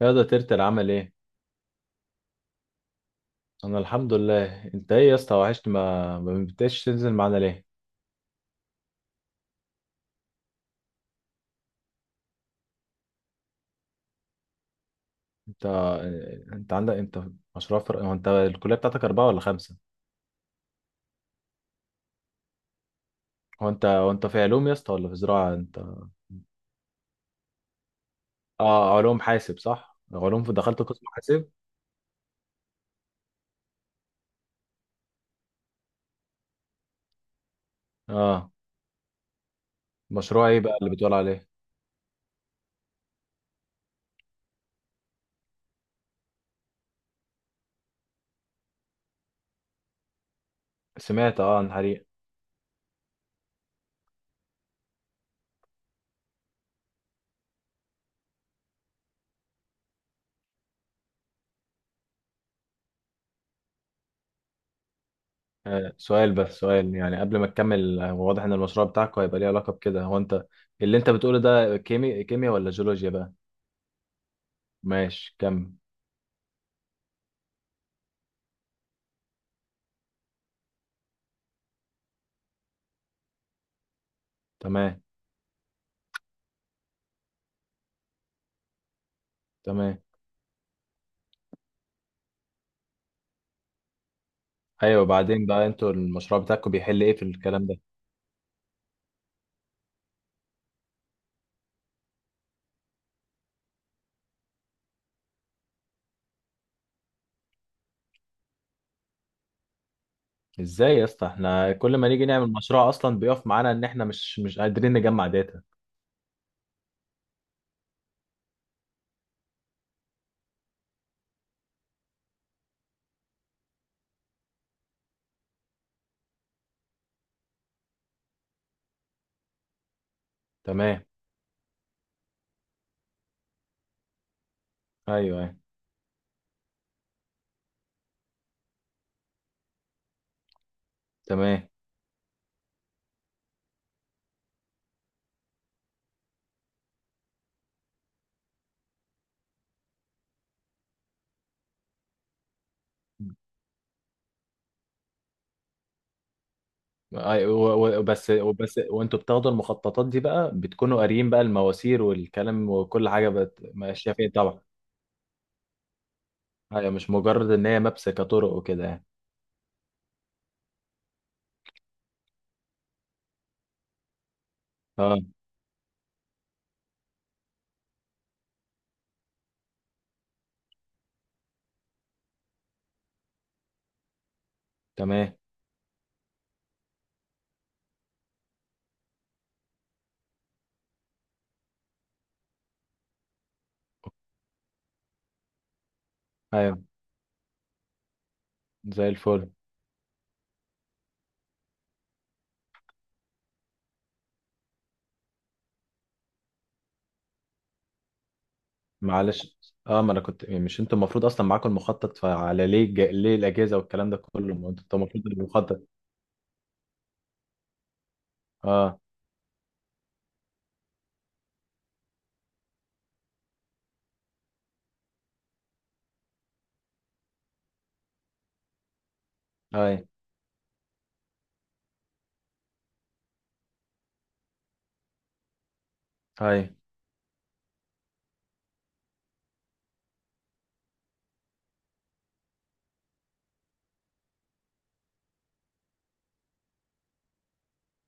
يا ده ترتر عمل ايه؟ انا الحمد لله. انت ايه يا اسطى؟ وحشني، ما بتبقاش تنزل معانا ليه؟ انت انت عندك مشروع فرق. هو انت الكليه بتاعتك اربعه ولا خمسه؟ هو انت في علوم يا اسطى ولا في زراعه انت؟ اه، علوم حاسب صح؟ علوم، في دخلت قسم حاسب. اه، مشروع ايه بقى اللي بتقول عليه؟ سمعت اه عن حريق. سؤال بس يعني، قبل ما تكمل، هو واضح ان المشروع بتاعك هيبقى ليه علاقه بكده. هو انت اللي انت بتقوله ده كيمياء ولا جيولوجيا بقى؟ ماشي، كمل. تمام. تمام. ايوه، بعدين بقى، انتوا المشروع بتاعكم بيحل ايه في الكلام ده؟ ازاي يا اسطى؟ احنا كل ما نيجي نعمل مشروع اصلا بيقف معانا ان احنا مش قادرين نجمع داتا. تمام. ايوه، ايوه. تمام. أي-، و-، و-، وبس، وبس، وانتوا بتاخدوا المخططات دي بقى بتكونوا قاريين بقى المواسير والكلام وكل حاجه ماشيه فين طبعا. ايوه، مش مجرد ان هي مابس كطرق وكده يعني. اه. تمام. ايوه، زي الفل. معلش، اه، ما انا كنت يعني، مش انتوا المفروض اصلا معاكم المخطط؟ فعلى ليه ليه الاجازه والكلام ده كله؟ ما انتوا المفروض المخطط. اه. اي. اي.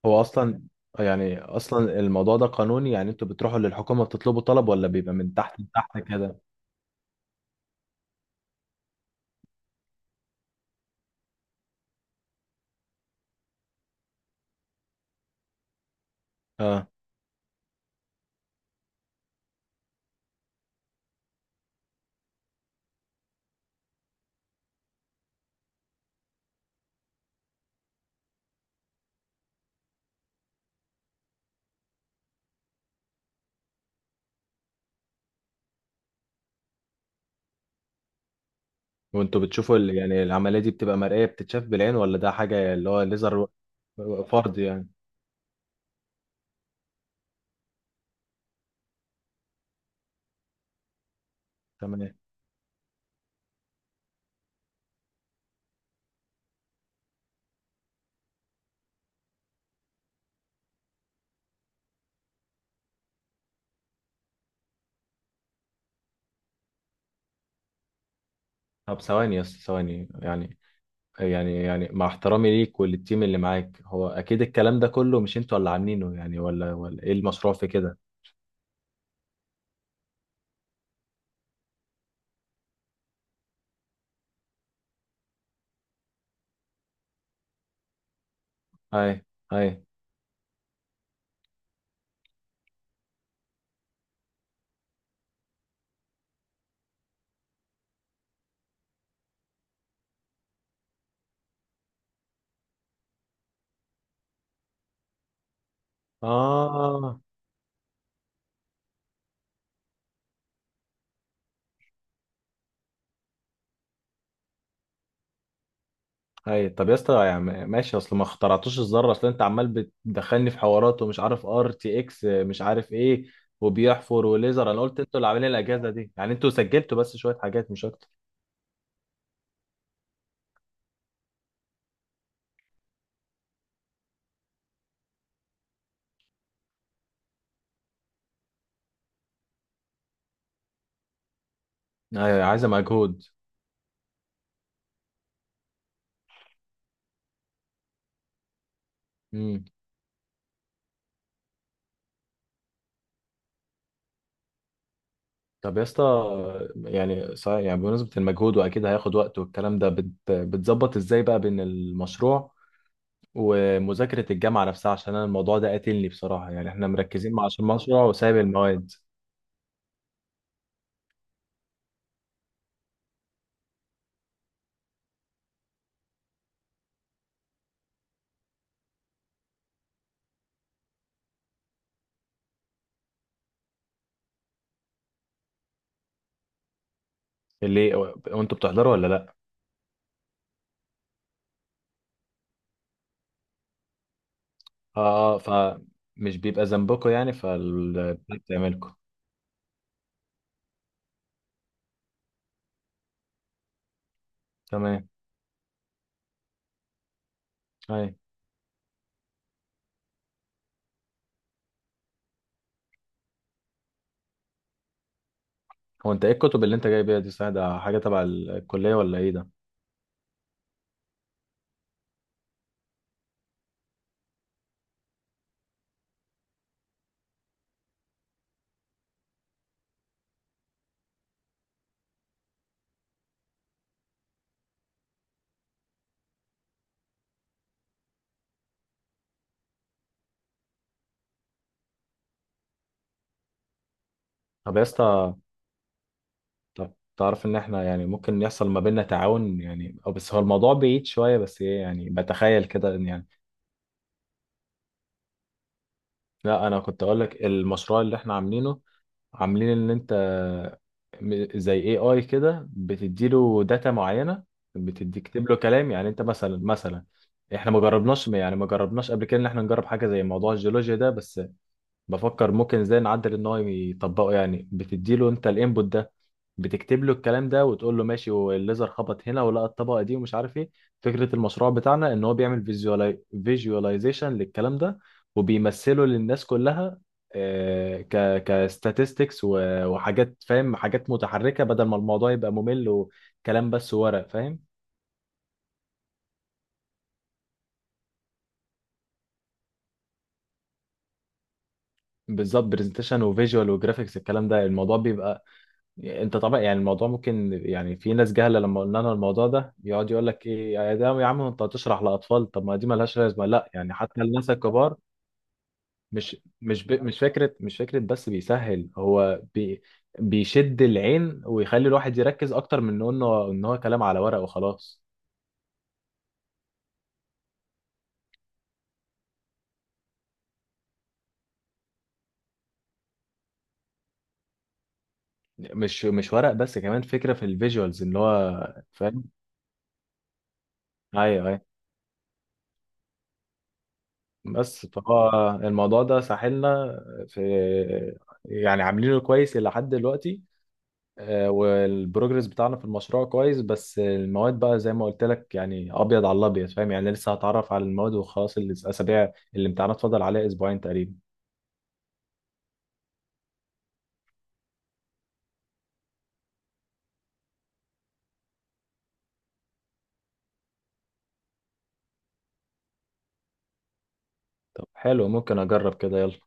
هو اصلا، يعني اصلا الموضوع ده قانوني يعني؟ انتوا بتروحوا للحكومه بتطلبوا طلب، ولا بيبقى من تحت لتحت كده؟ اه. وانتوا يعني العمليه دي بتبقى مرئيه، بتتشاف بالعين، ولا ده حاجه اللي هو ليزر؟ فرض يعني. تمام. طب ثواني يا اسطى، ثواني يعني يعني يعني، مع احترامي ليك وللتيم اللي معاك، هو اكيد الكلام ده كله مش انتوا اللي عاملينه يعني، ولا ايه المشروع في كده؟ هاي. هاي. اه. هاي، طب يا اسطى يعني ماشي، اصل ما اخترعتوش الذره. اصل انت عمال بتدخلني في حوارات ومش عارف RTX، مش عارف ايه، وبيحفر وليزر. انا قلت انتوا اللي عاملين الاجهزه دي، يعني انتوا سجلتوا بس شويه حاجات مش اكتر. هاي، عايزه مجهود. طب يا اسطى، يعني صحيح، يعني بمناسبة المجهود وأكيد هياخد وقت والكلام ده بتظبط إزاي بقى بين المشروع ومذاكرة الجامعة نفسها؟ عشان أنا الموضوع ده قاتلني بصراحة، يعني إحنا مركزين مع عشان المشروع وسايب المواد اللي، وأنتوا بتحضروا ولا لأ؟ آه، آه. فمش بيبقى ذنبكم يعني، فال بتعملكم. تمام. أي. هو أنت إيه الكتب اللي أنت جايبها دي صحيح؟ ده حاجة تبع الكلية ولا إيه ده؟ طب يا اسطى، طب تعرف ان احنا يعني ممكن يحصل ما بيننا تعاون يعني، أو بس هو الموضوع بعيد شويه، بس ايه يعني، بتخيل كده ان يعني. لا انا كنت اقول لك، المشروع اللي احنا عاملينه، عاملين ان انت م-، زي اي اي كده، بتديله داتا معينه، بتدي كتب له كلام، يعني انت مثلا، مثلا، احنا ما جربناش يعني، ما جربناش قبل كده ان احنا نجرب حاجه زي موضوع الجيولوجيا ده، بس بفكر ممكن ازاي نعدل ان هو يطبقه. يعني بتديله انت الانبوت ده، بتكتب له الكلام ده، وتقول له ماشي والليزر خبط هنا ولقى الطبقه دي ومش عارف ايه. فكره المشروع بتاعنا ان هو بيعمل فيجواليزيشن للكلام ده، وبيمثله للناس كلها، ك كستاتستكس وحاجات، فاهم، حاجات متحركه بدل ما الموضوع يبقى ممل وكلام بس ورق، فاهم. بالظبط، برزنتيشن وفيجوال وجرافيكس. الكلام ده الموضوع بيبقى، انت طبعا يعني الموضوع ممكن، يعني في ناس جهله لما قلنا لها الموضوع ده يقعد يقول لك ايه يا ده يا عم انت هتشرح لاطفال، طب ما دي ملهاش لازمه. لا يعني، حتى الناس الكبار، مش فكره بس بيسهل، بيشد العين ويخلي الواحد يركز اكتر من انه ان هو كلام على ورق وخلاص. مش مش ورق بس، كمان فكره في الفيجوالز اللي هو، فاهم. ايوه، ايوه. بس فهو الموضوع ده ساحلنا في، يعني عاملينه كويس إلى حد دلوقتي. والبروجرس بتاعنا في المشروع كويس، بس المواد بقى زي ما قلت لك، يعني ابيض على الابيض، فاهم، يعني لسه هتعرف على المواد وخلاص. الاسابيع، الامتحانات فاضل عليها أسبوعين تقريبا. طب حلو، ممكن اجرب كده، يلا.